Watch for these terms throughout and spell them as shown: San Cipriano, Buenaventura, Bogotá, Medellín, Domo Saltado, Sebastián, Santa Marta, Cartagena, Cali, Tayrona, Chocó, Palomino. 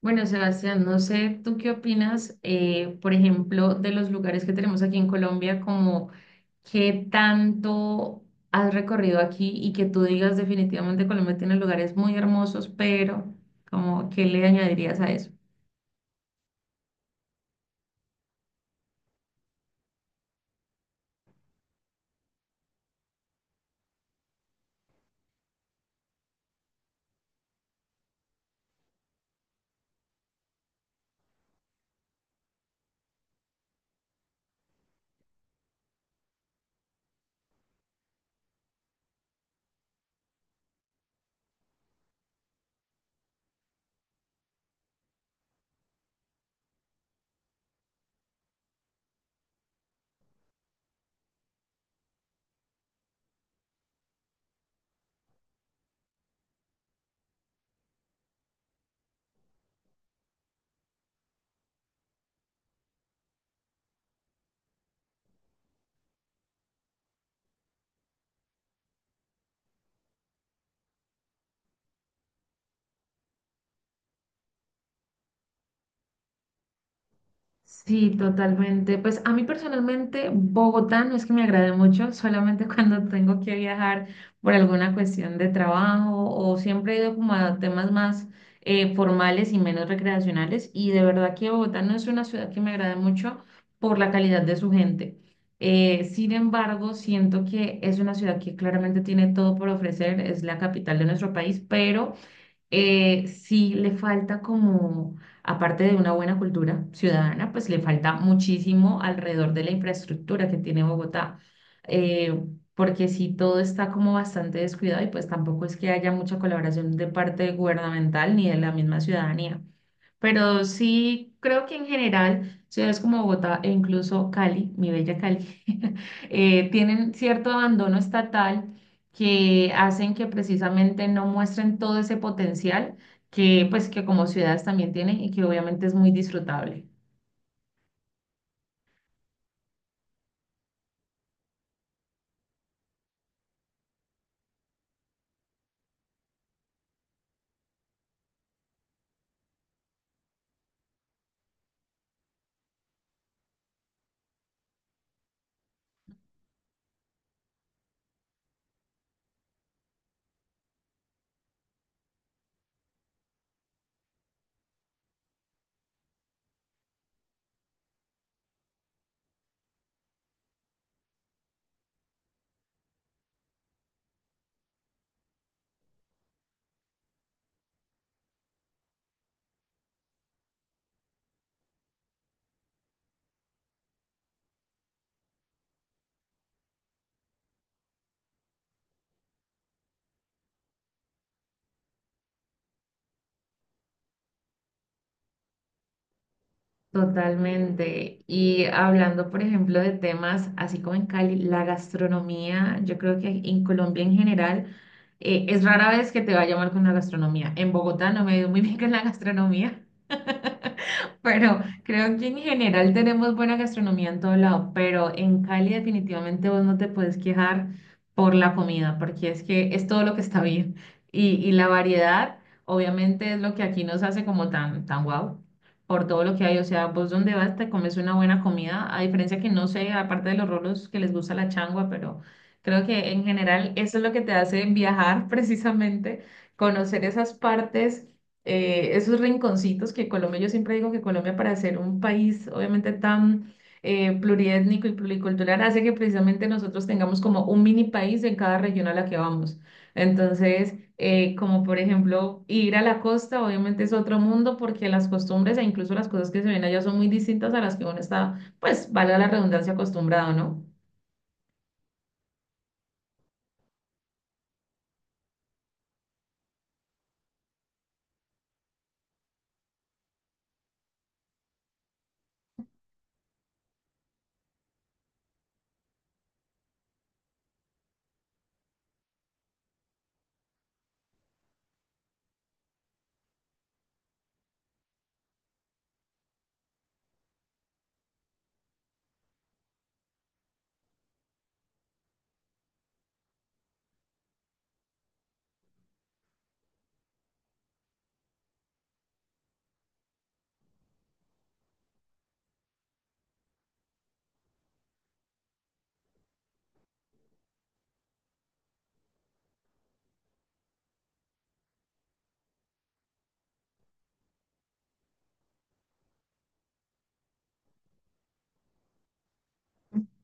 Bueno, Sebastián, no sé tú qué opinas, por ejemplo, de los lugares que tenemos aquí en Colombia, como qué tanto has recorrido aquí y que tú digas definitivamente Colombia tiene lugares muy hermosos, pero como qué le añadirías a eso. Sí, totalmente. Pues a mí personalmente Bogotá no es que me agrade mucho, solamente cuando tengo que viajar por alguna cuestión de trabajo o siempre he ido como a temas más formales y menos recreacionales y de verdad que Bogotá no es una ciudad que me agrade mucho por la calidad de su gente. Sin embargo, siento que es una ciudad que claramente tiene todo por ofrecer, es la capital de nuestro país, pero sí le falta como, aparte de una buena cultura ciudadana, pues le falta muchísimo alrededor de la infraestructura que tiene Bogotá, eh, porque sí todo está como bastante descuidado y pues tampoco es que haya mucha colaboración de parte gubernamental ni de la misma ciudadanía. Pero sí, creo que en general ciudades como Bogotá e incluso Cali, mi bella Cali, tienen cierto abandono estatal que hacen que precisamente no muestren todo ese potencial que pues que como ciudades también tienen y que obviamente es muy disfrutable. Totalmente. Y hablando, por ejemplo, de temas así como en Cali, la gastronomía, yo creo que en Colombia en general es rara vez que te vaya mal con la gastronomía. En Bogotá no me ha ido muy bien con la gastronomía. Pero creo que en general tenemos buena gastronomía en todo lado, pero en Cali definitivamente vos no te puedes quejar por la comida, porque es que es todo lo que está bien. Y la variedad, obviamente, es lo que aquí nos hace como tan guau, por todo lo que hay. O sea, vos donde vas te comes una buena comida, a diferencia que no sé, aparte de los rolos que les gusta la changua, pero creo que en general eso es lo que te hace viajar precisamente, conocer esas partes esos rinconcitos que Colombia, yo siempre digo que Colombia para ser un país obviamente tan pluriétnico y pluricultural hace que precisamente nosotros tengamos como un mini país en cada región a la que vamos. Entonces, como por ejemplo ir a la costa, obviamente es otro mundo porque las costumbres e incluso las cosas que se ven allá son muy distintas a las que uno está, pues, valga la redundancia, acostumbrado, ¿no?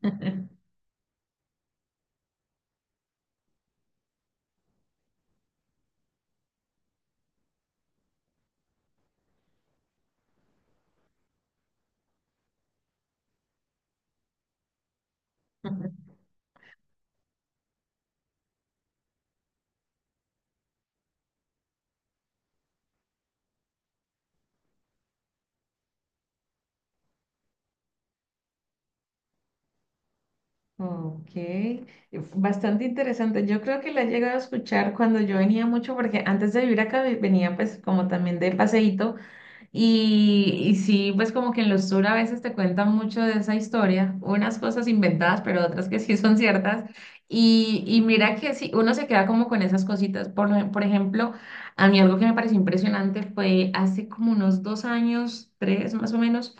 Ok, bastante interesante. Yo creo que la he llegado a escuchar cuando yo venía mucho, porque antes de vivir acá venía pues como también de paseíto y sí, pues como que en los tours a veces te cuentan mucho de esa historia, unas cosas inventadas, pero otras que sí son ciertas. Y mira que sí, uno se queda como con esas cositas. Por ejemplo, a mí algo que me pareció impresionante fue hace como unos dos años, tres más o menos,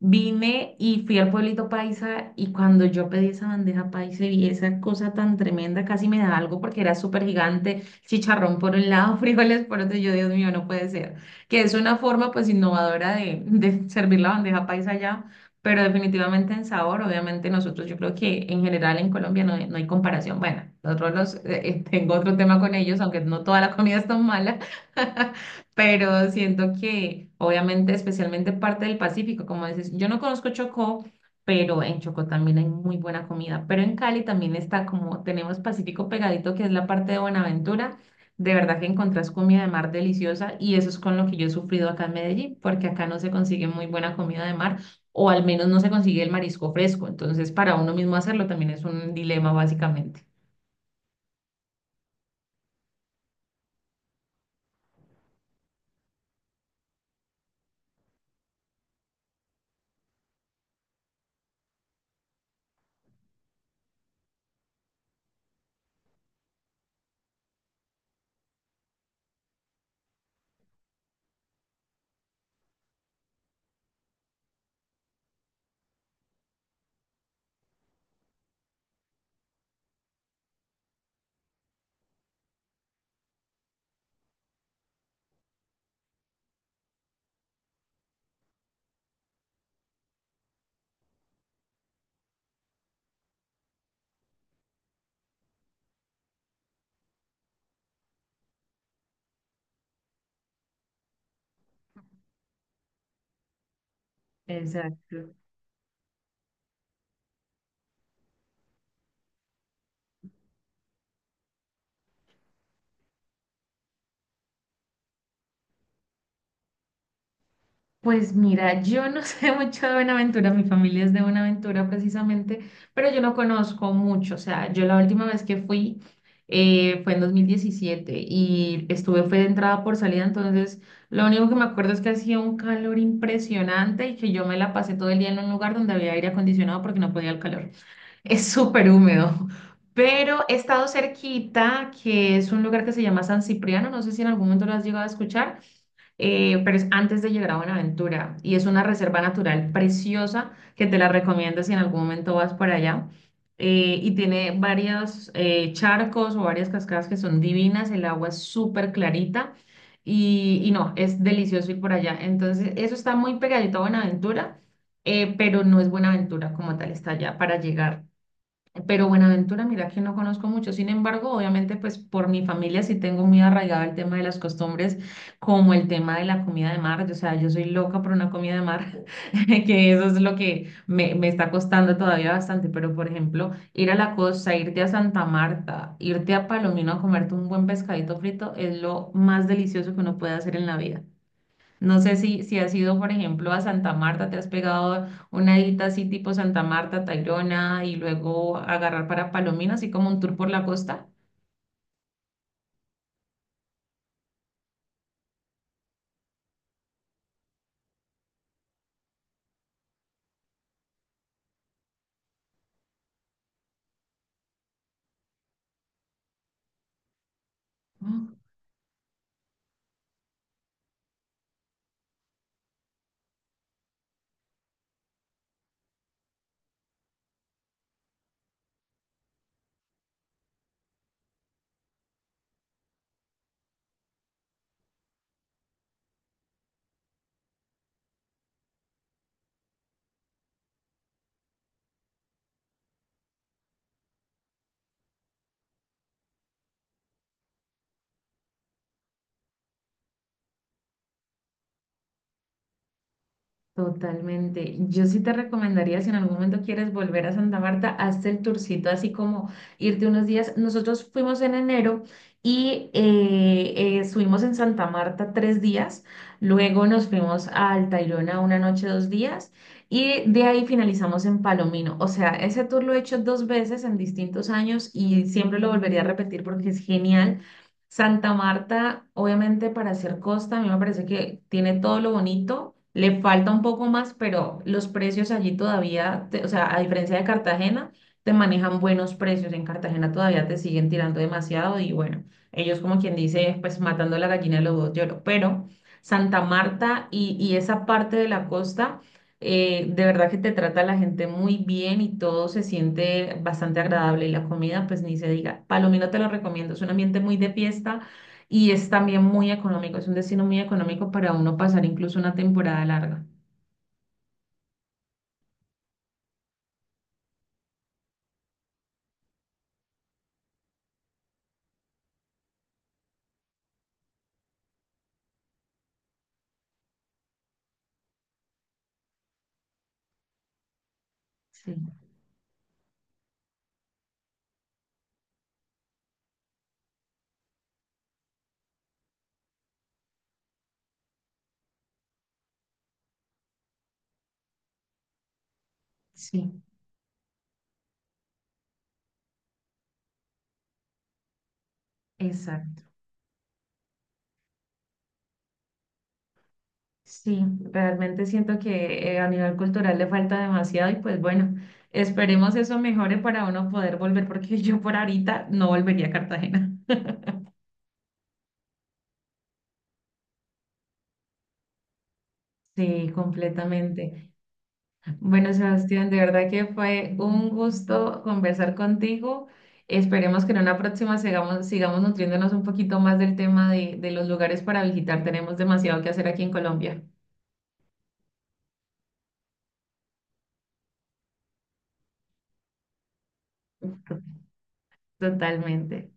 vine y fui al pueblito paisa y cuando yo pedí esa bandeja paisa y vi esa cosa tan tremenda, casi me da algo porque era súper gigante, chicharrón por un lado, frijoles por otro, y yo, Dios mío, no puede ser que es una forma pues innovadora de servir la bandeja paisa allá, pero definitivamente en sabor, obviamente nosotros yo creo que en general en Colombia no, hay no hay comparación. Bueno, nosotros los, tengo otro tema con ellos, aunque no toda la comida es tan mala, pero siento que obviamente especialmente parte del Pacífico, como dices, yo no conozco Chocó. Pero en Chocó también hay muy de verdad que encontrás comida de mar deliciosa y eso es con lo que yo he sufrido acá en Medellín, porque acá no se consigue muy buena comida de mar o al menos no se consigue el marisco fresco. Entonces, para uno mismo hacerlo también es un dilema básicamente. Exacto. Pues mira, yo no sé mucho de Buenaventura, mi familia es de Buenaventura precisamente, pero yo no conozco mucho, o sea, yo la última vez que fui fue en 2017 y estuve fue de entrada por salida, entonces lo único que me acuerdo es que hacía un calor impresionante y que yo me la pasé todo el día en un lugar donde había aire acondicionado porque no podía el calor. Es súper húmedo, pero he estado cerquita, que es un lugar que se llama San Cipriano, no sé si en algún momento lo has llegado a escuchar pero es antes de llegar a Buenaventura y es una reserva natural preciosa que te la recomiendo si en algún momento vas por allá. Y tiene varios charcos o varias cascadas que son divinas, el agua es súper clarita y no, es delicioso ir por allá. Entonces, eso está muy pegadito a Buenaventura, pero no es Buenaventura como tal, está allá para llegar. Pero Buenaventura, mira que no conozco mucho. Sin embargo, obviamente, pues por mi familia sí tengo muy arraigado el tema de las costumbres, como el tema de la comida de mar. O sea, yo soy loca por una comida de mar, que eso es lo que me está costando todavía bastante. Pero, por ejemplo, ir a la costa, irte a Santa Marta, irte a Palomino a comerte un buen pescadito frito es lo más delicioso que uno puede hacer en la vida. No sé si has ido, por ejemplo, a Santa Marta, te has pegado una edita así tipo Santa Marta, Tayrona y luego agarrar para Palomino, así como un tour por la costa. Totalmente. Yo sí te recomendaría, si en algún momento quieres volver a Santa Marta, hazte el tourcito, así como irte unos días. Nosotros fuimos en enero y estuvimos en Santa Marta tres días, luego nos fuimos al Tayrona una noche, dos días, y de ahí finalizamos en Palomino. O sea, ese tour lo he hecho dos veces en distintos años y siempre lo volvería a repetir porque es genial. Santa Marta, obviamente para hacer costa, a mí me parece que tiene todo lo bonito, le falta un poco más, pero los precios allí todavía, o sea, a diferencia de Cartagena, te manejan buenos precios. En Cartagena todavía te siguen tirando demasiado y bueno, ellos como quien dice, pues matando la gallina de los dos lloros. Pero Santa Marta y esa parte de la costa. De verdad que te trata la gente muy bien y todo se siente bastante agradable y la comida, pues ni se diga. Palomino te lo recomiendo, es un ambiente muy de fiesta y es también muy económico, es un destino muy económico para uno pasar incluso una temporada larga. Sí, sí, exacto. Sí, realmente siento que a nivel cultural le falta demasiado y pues bueno, esperemos eso mejore para uno poder volver porque yo por ahorita no volvería a Cartagena. Sí, completamente. Bueno, Sebastián, de verdad que fue un gusto conversar contigo. Esperemos que en una próxima sigamos, sigamos nutriéndonos un poquito más del tema de los lugares para visitar. Tenemos demasiado que hacer aquí en Colombia. Totalmente.